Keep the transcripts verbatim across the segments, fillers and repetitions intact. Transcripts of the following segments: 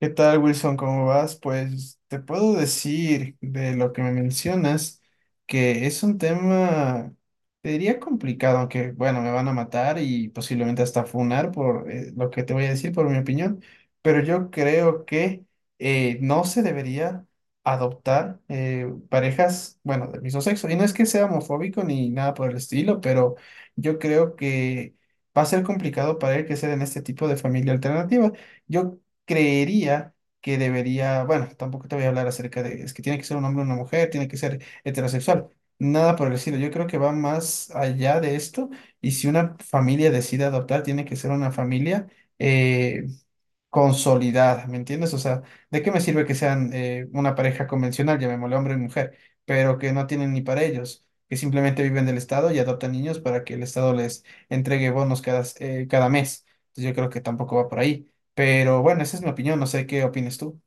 ¿Qué tal, Wilson? ¿Cómo vas? Pues te puedo decir de lo que me mencionas que es un tema, te diría complicado, aunque bueno, me van a matar y posiblemente hasta funar por eh, lo que te voy a decir, por mi opinión, pero yo creo que eh, no se debería adoptar eh, parejas, bueno, del mismo sexo. Y no es que sea homofóbico ni nada por el estilo, pero yo creo que va a ser complicado para él crecer en este tipo de familia alternativa. Yo creería que debería, bueno, tampoco te voy a hablar acerca de, es que tiene que ser un hombre o una mujer, tiene que ser heterosexual, nada por el estilo. Yo creo que va más allá de esto y si una familia decide adoptar, tiene que ser una familia. eh, Consolidada, ¿me entiendes? O sea, ¿de qué me sirve que sean eh, una pareja convencional, llamémosle hombre y mujer, pero que no tienen ni para ellos, que simplemente viven del Estado y adoptan niños para que el Estado les entregue bonos cada, eh, cada mes? Entonces yo creo que tampoco va por ahí. Pero bueno, esa es mi opinión, no sé qué opinas tú.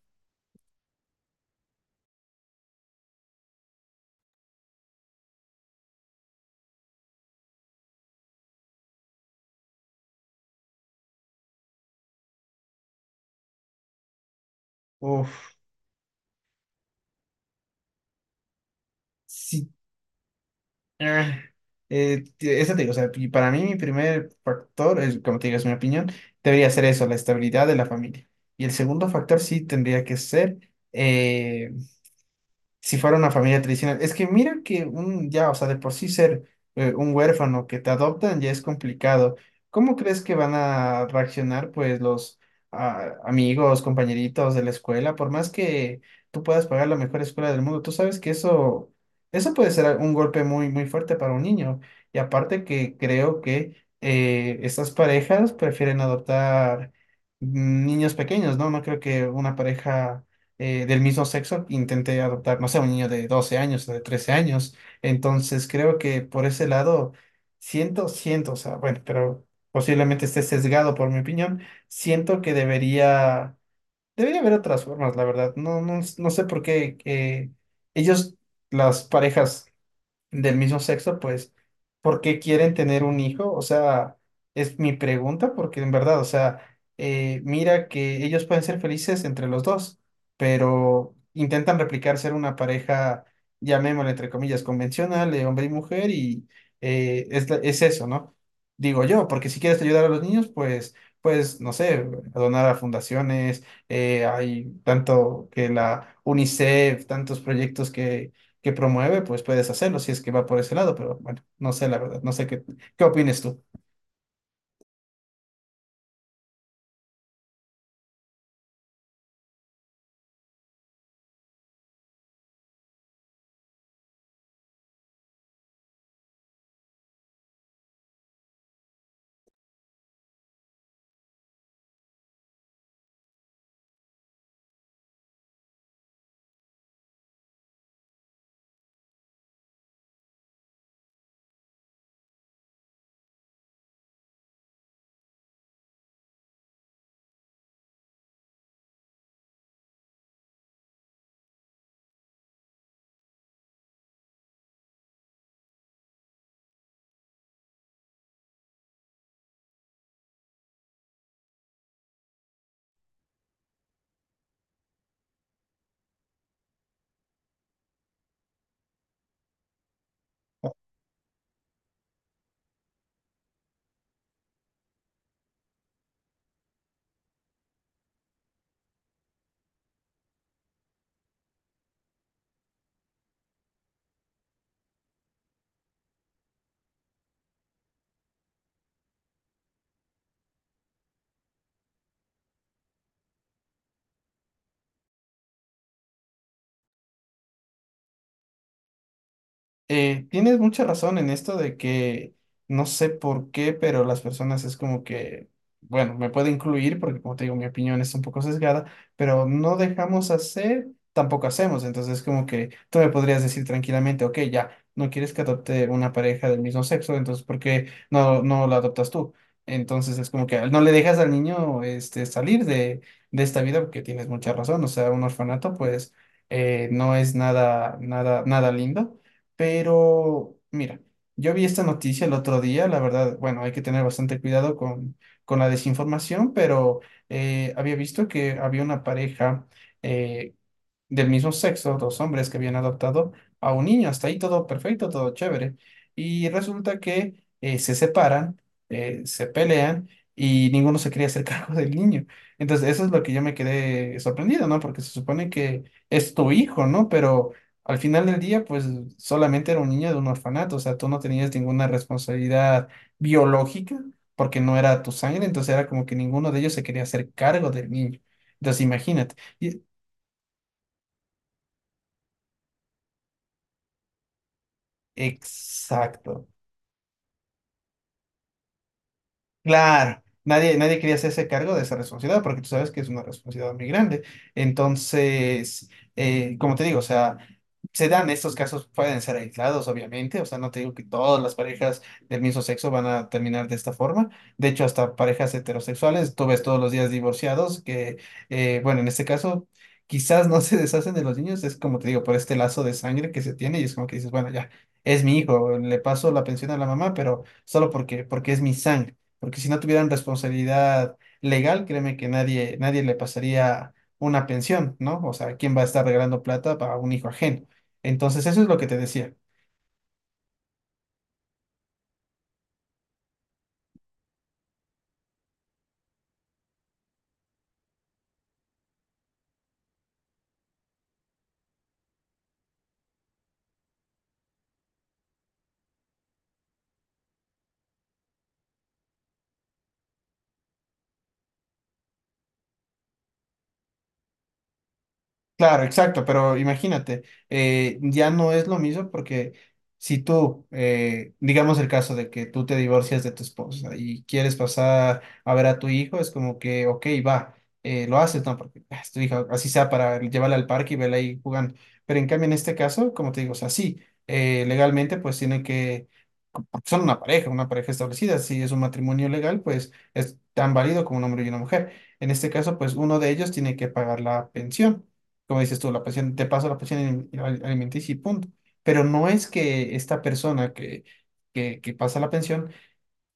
Uf, sí. ah, eh, t- Eso te digo, o sea, y para mí mi primer factor, es, como te digo, es mi opinión, debería ser eso, la estabilidad de la familia. Y el segundo factor sí tendría que ser... eh, si fuera una familia tradicional. Es que mira que un, ya, o sea, de por sí ser eh, un huérfano que te adoptan ya es complicado. ¿Cómo crees que van a reaccionar, pues, los ah, amigos, compañeritos de la escuela? Por más que tú puedas pagar la mejor escuela del mundo, tú sabes que eso, eso puede ser un golpe muy, muy fuerte para un niño. Y aparte que creo que eh, estas parejas prefieren adoptar mm, niños pequeños, ¿no? No creo que una pareja eh, del mismo sexo, intenté adoptar, no sé, un niño de doce años o de trece años. Entonces creo que por ese lado, siento, siento, o sea, bueno, pero posiblemente esté sesgado por mi opinión, siento que debería, debería haber otras formas, la verdad. No, no, no sé por qué eh, ellos, las parejas del mismo sexo, pues, ¿por qué quieren tener un hijo? O sea, es mi pregunta, porque en verdad, o sea, eh, mira que ellos pueden ser felices entre los dos, pero intentan replicar ser una pareja, llamémosla entre comillas, convencional, de hombre y mujer, y eh, es, la- es eso, ¿no? Digo yo, porque si quieres ayudar a los niños, pues, pues, no sé, donar a fundaciones, eh, hay tanto que la UNICEF, tantos proyectos que promueve, pues puedes hacerlo si es que va por ese lado, pero bueno, no sé la verdad, no sé qué, qué opines tú. Eh, tienes mucha razón en esto de que no sé por qué, pero las personas es como que, bueno, me puede incluir porque como te digo, mi opinión es un poco sesgada, pero no dejamos hacer, tampoco hacemos. Entonces como que tú me podrías decir tranquilamente, ok, ya, no quieres que adopte una pareja del mismo sexo, entonces ¿por qué no, no la adoptas tú? Entonces es como que no le dejas al niño este, salir de, de esta vida porque tienes mucha razón. O sea, un orfanato pues eh, no es nada, nada, nada lindo pero, mira, yo vi esta noticia el otro día, la verdad, bueno, hay que tener bastante cuidado con, con la desinformación, pero eh, había visto que había una pareja eh, del mismo sexo, dos hombres que habían adoptado a un niño. Hasta ahí todo perfecto, todo chévere. Y resulta que eh, se separan, eh, se pelean y ninguno se quería hacer cargo del niño. Entonces, eso es lo que yo me quedé sorprendido, ¿no? Porque se supone que es tu hijo, ¿no? Pero al final del día, pues solamente era un niño de un orfanato, o sea, tú no tenías ninguna responsabilidad biológica. Porque no era tu sangre, entonces era como que ninguno de ellos se quería hacer cargo del niño. Entonces, imagínate. Y exacto. Claro, nadie, nadie quería hacerse cargo de esa responsabilidad porque tú sabes que es una responsabilidad muy grande. Entonces, eh, como te digo, o sea, se dan estos casos, pueden ser aislados, obviamente, o sea, no te digo que todas las parejas del mismo sexo van a terminar de esta forma. De hecho, hasta parejas heterosexuales, tú ves todos los días divorciados que, eh, bueno, en este caso, quizás no se deshacen de los niños, es como te digo, por este lazo de sangre que se tiene y es como que dices, bueno, ya, es mi hijo, le paso la pensión a la mamá, pero solo porque, porque es mi sangre porque si no tuvieran responsabilidad legal, créeme que nadie, nadie le pasaría una pensión, ¿no? O sea, ¿quién va a estar regalando plata para un hijo ajeno? Entonces, eso es lo que te decía. Claro, exacto, pero imagínate, eh, ya no es lo mismo porque si tú, eh, digamos el caso de que tú te divorcias de tu esposa y quieres pasar a ver a tu hijo, es como que, ok, va, eh, lo haces, ¿no? Porque ah, es tu hija, así sea para llevarla al parque y verla ahí jugando. Pero en cambio, en este caso, como te digo, o sea, sí, eh, legalmente pues tiene que porque son una pareja, una pareja establecida. Si es un matrimonio legal, pues es tan válido como un hombre y una mujer. En este caso, pues uno de ellos tiene que pagar la pensión. Como dices tú, la pensión, te paso la pensión alim- alimenticia y punto. Pero no es que esta persona que, que, que pasa la pensión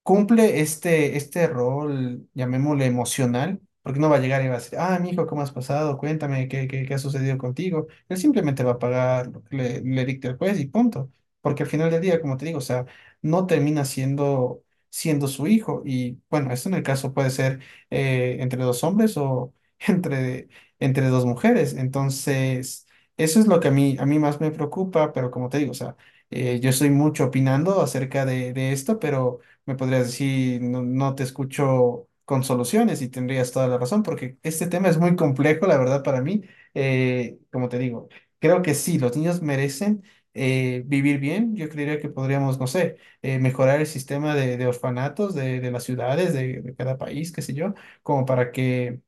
cumple este, este rol, llamémosle emocional, porque no va a llegar y va a decir, ah, mi hijo, ¿cómo has pasado? Cuéntame, ¿qué, qué, qué ha sucedido contigo? Él simplemente va a pagar lo que le, le dicte el juez y punto. Porque al final del día, como te digo, o sea, no termina siendo, siendo su hijo. Y bueno, esto en el caso puede ser eh, entre dos hombres o entre, entre dos mujeres. Entonces, eso es lo que a mí, a mí más me preocupa, pero como te digo, o sea, eh, yo estoy mucho opinando acerca de de esto, pero me podrías decir, no, no te escucho con soluciones y tendrías toda la razón, porque este tema es muy complejo, la verdad, para mí. Eh, como te digo, creo que sí, los niños merecen eh, vivir bien. Yo creería que podríamos, no sé, eh, mejorar el sistema de, de orfanatos de, de las ciudades, de, de cada país, qué sé yo, como para que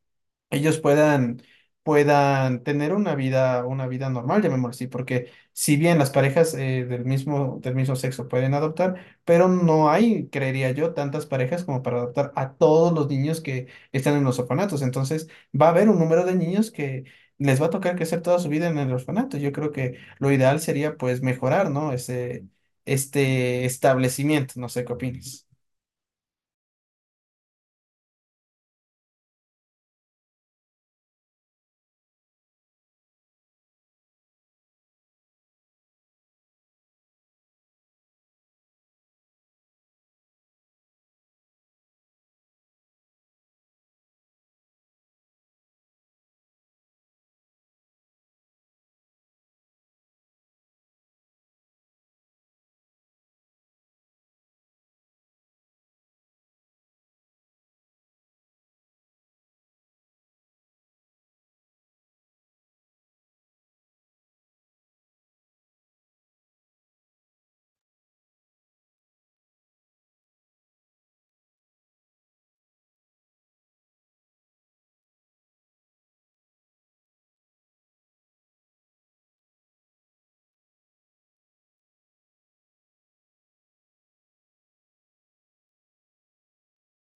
ellos puedan, puedan tener una vida, una vida normal, llamémoslo así, porque si bien las parejas eh, del mismo, del mismo sexo pueden adoptar, pero no hay, creería yo, tantas parejas como para adoptar a todos los niños que están en los orfanatos. Entonces, va a haber un número de niños que les va a tocar crecer toda su vida en el orfanato. Yo creo que lo ideal sería pues mejorar, ¿no? Ese, este establecimiento, no sé qué opinas.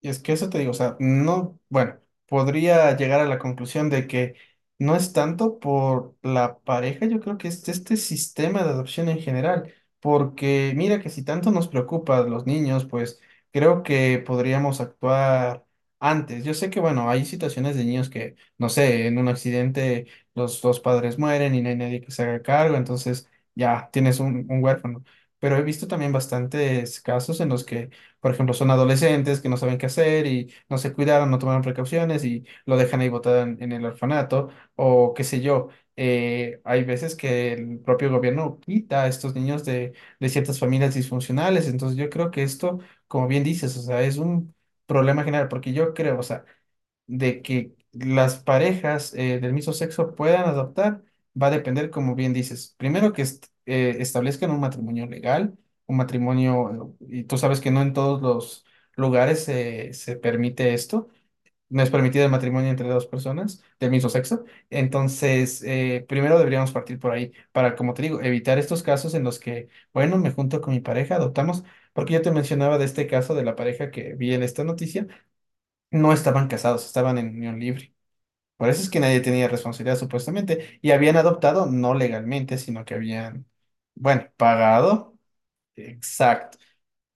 Y es que eso te digo, o sea, no, bueno, podría llegar a la conclusión de que no es tanto por la pareja, yo creo que es este sistema de adopción en general, porque mira que si tanto nos preocupa a los niños, pues creo que podríamos actuar antes. Yo sé que, bueno, hay situaciones de niños que, no sé, en un accidente los dos padres mueren y no hay nadie que se haga cargo, entonces ya tienes un, un huérfano, pero he visto también bastantes casos en los que por ejemplo, son adolescentes que no saben qué hacer y no se cuidaron, no tomaron precauciones y lo dejan ahí botado en, en el orfanato o qué sé yo. Eh, hay veces que el propio gobierno quita a estos niños de, de ciertas familias disfuncionales. Entonces yo creo que esto, como bien dices, o sea, es un problema general porque yo creo, o sea, de que las parejas eh, del mismo sexo puedan adoptar va a depender, como bien dices, primero que est- eh, establezcan un matrimonio legal, un matrimonio, eh, y tú sabes que no en todos los lugares eh, se permite esto, no es permitido el matrimonio entre dos personas del mismo sexo, entonces eh, primero deberíamos partir por ahí para, como te digo, evitar estos casos en los que, bueno, me junto con mi pareja, adoptamos, porque yo te mencionaba de este caso de la pareja que vi en esta noticia, no estaban casados, estaban en unión libre. Por eso es que nadie tenía responsabilidad supuestamente. Y habían adoptado no legalmente, sino que habían, bueno, pagado. Exacto.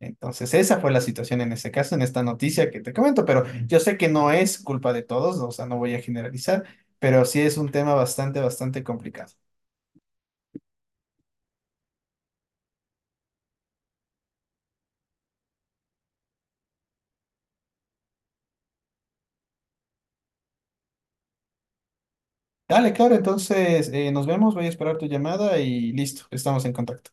Entonces, esa fue la situación en este caso, en esta noticia que te comento, pero yo sé que no es culpa de todos, o sea, no voy a generalizar, pero sí es un tema bastante, bastante complicado. Dale, claro, entonces eh, nos vemos, voy a esperar tu llamada y listo, estamos en contacto.